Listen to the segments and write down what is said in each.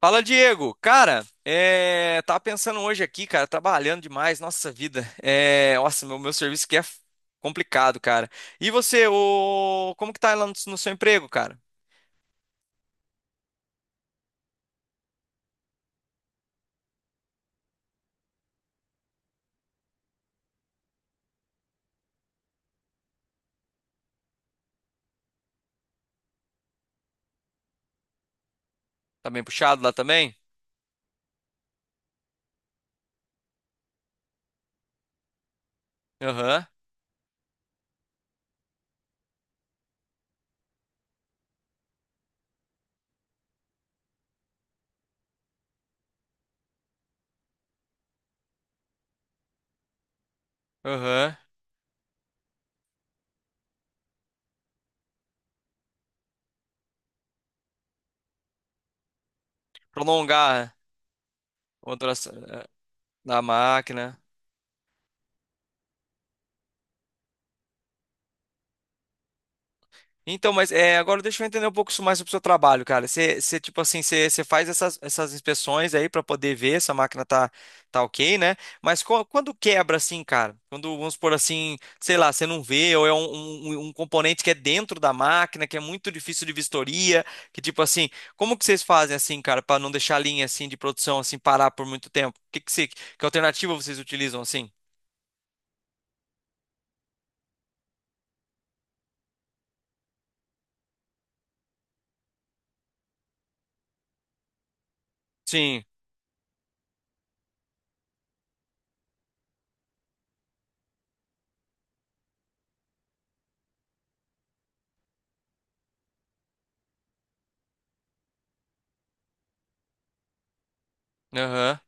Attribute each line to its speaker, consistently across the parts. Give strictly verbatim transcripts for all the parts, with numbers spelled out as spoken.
Speaker 1: Fala, Diego. Cara, é... tava pensando hoje aqui, cara, trabalhando demais, nossa vida. É... Nossa, meu, meu serviço aqui é f- complicado, cara. E você, o... como que tá lá no, no seu emprego, cara? Tá bem puxado lá também? Aham, aham. Prolongar a duração da máquina. Então, mas é, agora deixa eu entender um pouco isso mais sobre o seu trabalho, cara. Você, você, tipo assim, você, você faz essas, essas inspeções aí para poder ver se a máquina tá, tá ok, né? Mas co- quando quebra assim, cara? Quando, vamos supor assim, sei lá, você não vê, ou é um, um- um um componente que é dentro da máquina, que é muito difícil de vistoria, que tipo assim, como que vocês fazem assim, cara, para não deixar a linha assim de produção assim parar por muito tempo? Que que você, que alternativa vocês utilizam assim? Sim. Aham.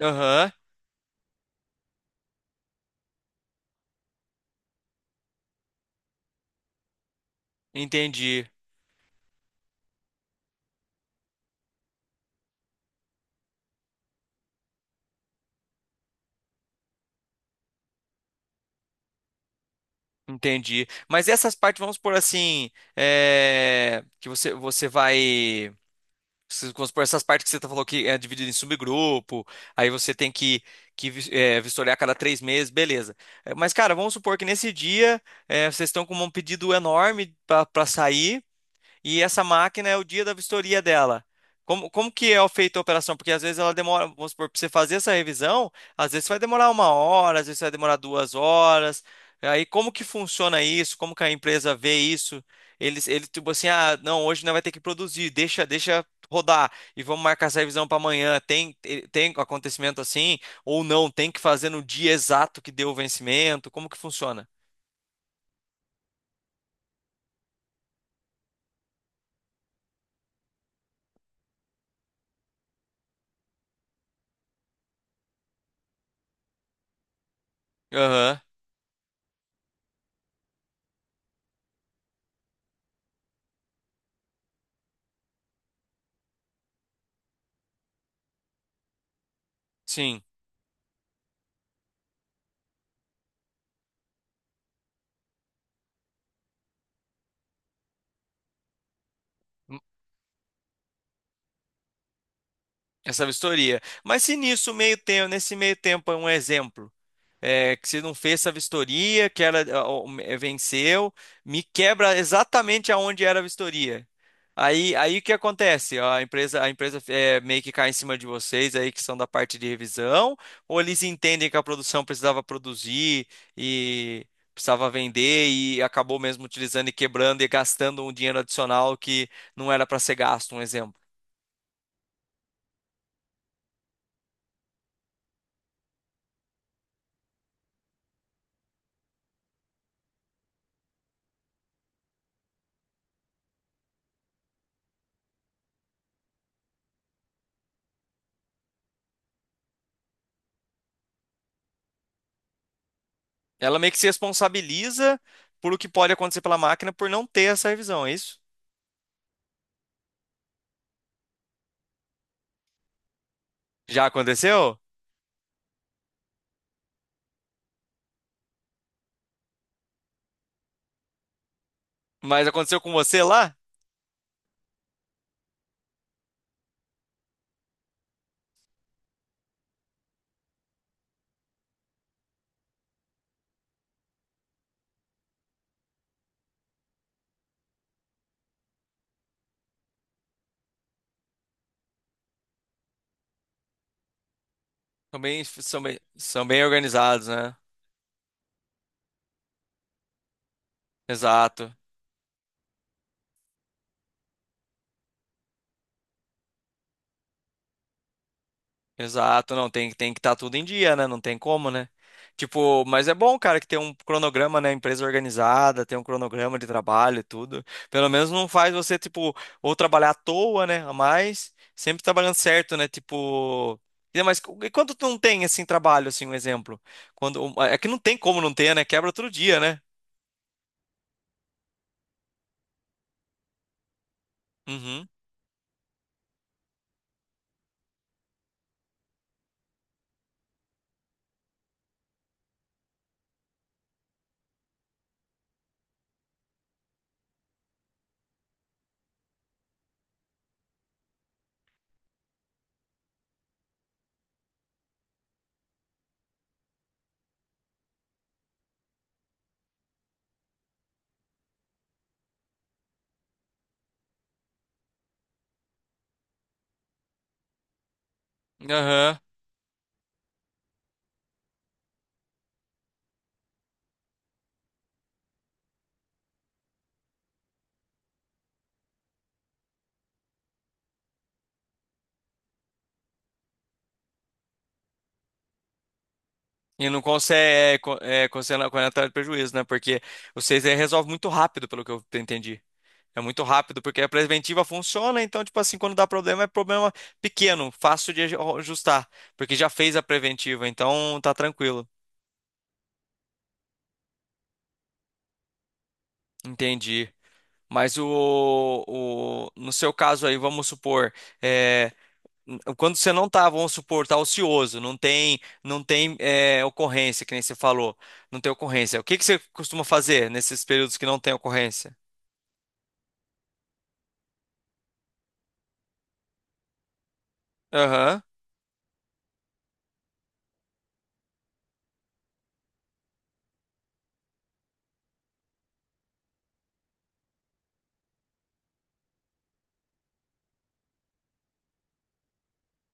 Speaker 1: Aham. Entendi. Entendi. Mas essas partes, vamos por assim, é, que você, você vai. se- Vamos por essas partes que você tá falou que é dividido em subgrupo, aí você tem que, que vis- é, vistoriar a cada três meses, beleza. É, Mas, cara, vamos supor que nesse dia é, vocês estão com um pedido enorme para sair. E essa máquina é o dia da vistoria dela. Como, como que é feita a operação? Porque às vezes ela demora, vamos supor, para você fazer essa revisão, às vezes vai demorar uma hora, às vezes vai demorar duas horas. Aí como que funciona isso? Como que a empresa vê isso? Eles, ele tipo assim, ah, não, hoje não vai ter que produzir, deixa, deixa rodar e vamos marcar essa revisão para amanhã. Tem, te- tem acontecimento assim ou não? Tem que fazer no dia exato que deu o vencimento? Como que funciona? Aham, sim. Essa vistoria. Mas se nisso meio tempo, nesse meio tempo é um exemplo, é, que se não fez essa vistoria, que ela ó, é, venceu, me quebra exatamente aonde era a vistoria. Aí, aí o que acontece? A empresa, a empresa é, meio que cai em cima de vocês aí que são da parte de revisão, ou eles entendem que a produção precisava produzir e precisava vender e acabou mesmo utilizando e quebrando e gastando um dinheiro adicional que não era para ser gasto, um exemplo. Ela meio que se responsabiliza por o que pode acontecer pela máquina por não ter essa revisão, é isso? Já aconteceu? Mas aconteceu com você lá? São bem, são bem, são bem organizados, né? Exato. Exato, não, tem, tem que estar tudo em dia, né? Não tem como, né? Tipo, mas é bom, cara, que tem um cronograma, né? Empresa organizada, tem um cronograma de trabalho e tudo. Pelo menos não faz você, tipo, ou trabalhar à toa, né? A mais, sempre trabalhando certo, né? Tipo. e- Mas cu- e quando tu não tem, assim, trabalho, assim, um exemplo? Quando... um, É que não tem como não ter, né? Quebra todo dia, né? Uhum. Aham. E não consegue, é, co- é, consegue, na- com a entrada de prejuízo, né? Porque vocês é, resolve muito rápido, pelo que eu entendi. É muito rápido, porque a preventiva funciona, então, tipo assim, quando dá problema, é problema pequeno, fácil de ajustar, porque já fez a preventiva, então tá tranquilo. Entendi. Mas o, o- no seu caso aí, vamos supor, é, n- quando você não tá, vamos supor, tá ocioso, não tem, não tem é, ocorrência, que nem você falou, não tem ocorrência. O que que você costuma fazer nesses períodos que não tem ocorrência? Aham.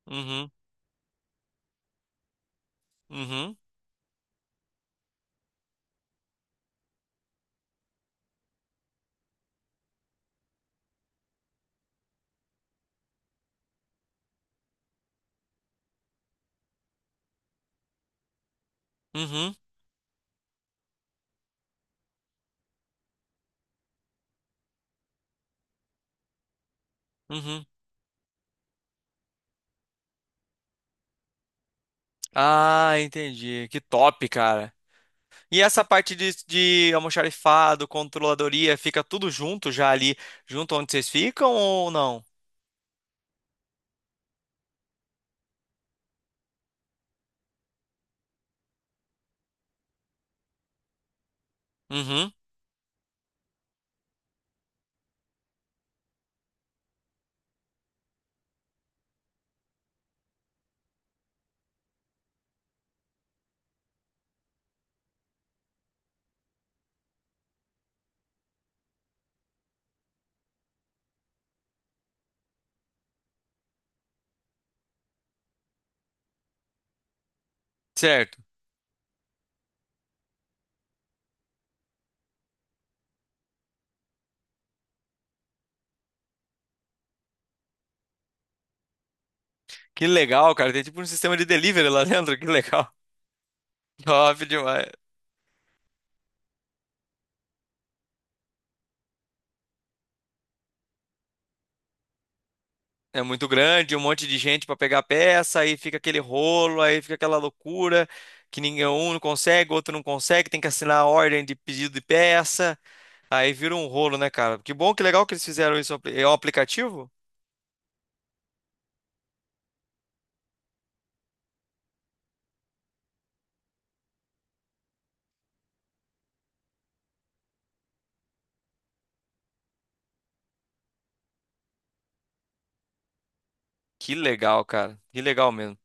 Speaker 1: Uhum. Uhum. Uhum. Uhum. Ah, entendi. Que top, cara. E essa parte de, de almoxarifado, controladoria, fica tudo junto já ali, junto onde vocês ficam ou não? Uhum, certo. Que legal, cara. Tem tipo um sistema de delivery lá dentro, que legal. Top demais. É muito grande, um monte de gente pra pegar peça, aí fica aquele rolo, aí fica aquela loucura que ninguém um não consegue, outro não consegue, tem que assinar a ordem de pedido de peça, aí vira um rolo, né, cara? Que bom, que legal que eles fizeram isso. É um aplicativo? Que legal, cara. Que legal mesmo.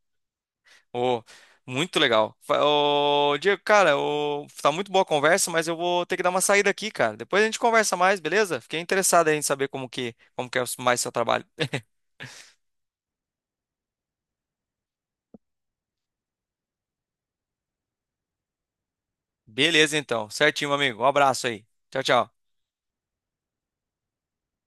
Speaker 1: Ô, muito legal. Fa- Ô, Diego, cara, ô, tá muito boa a conversa, mas eu vou ter que dar uma saída aqui, cara. Depois a gente conversa mais, beleza? Fiquei interessado aí em saber como que, como que é mais seu trabalho. Beleza, então. Certinho, meu amigo. Um abraço aí. Tchau, tchau.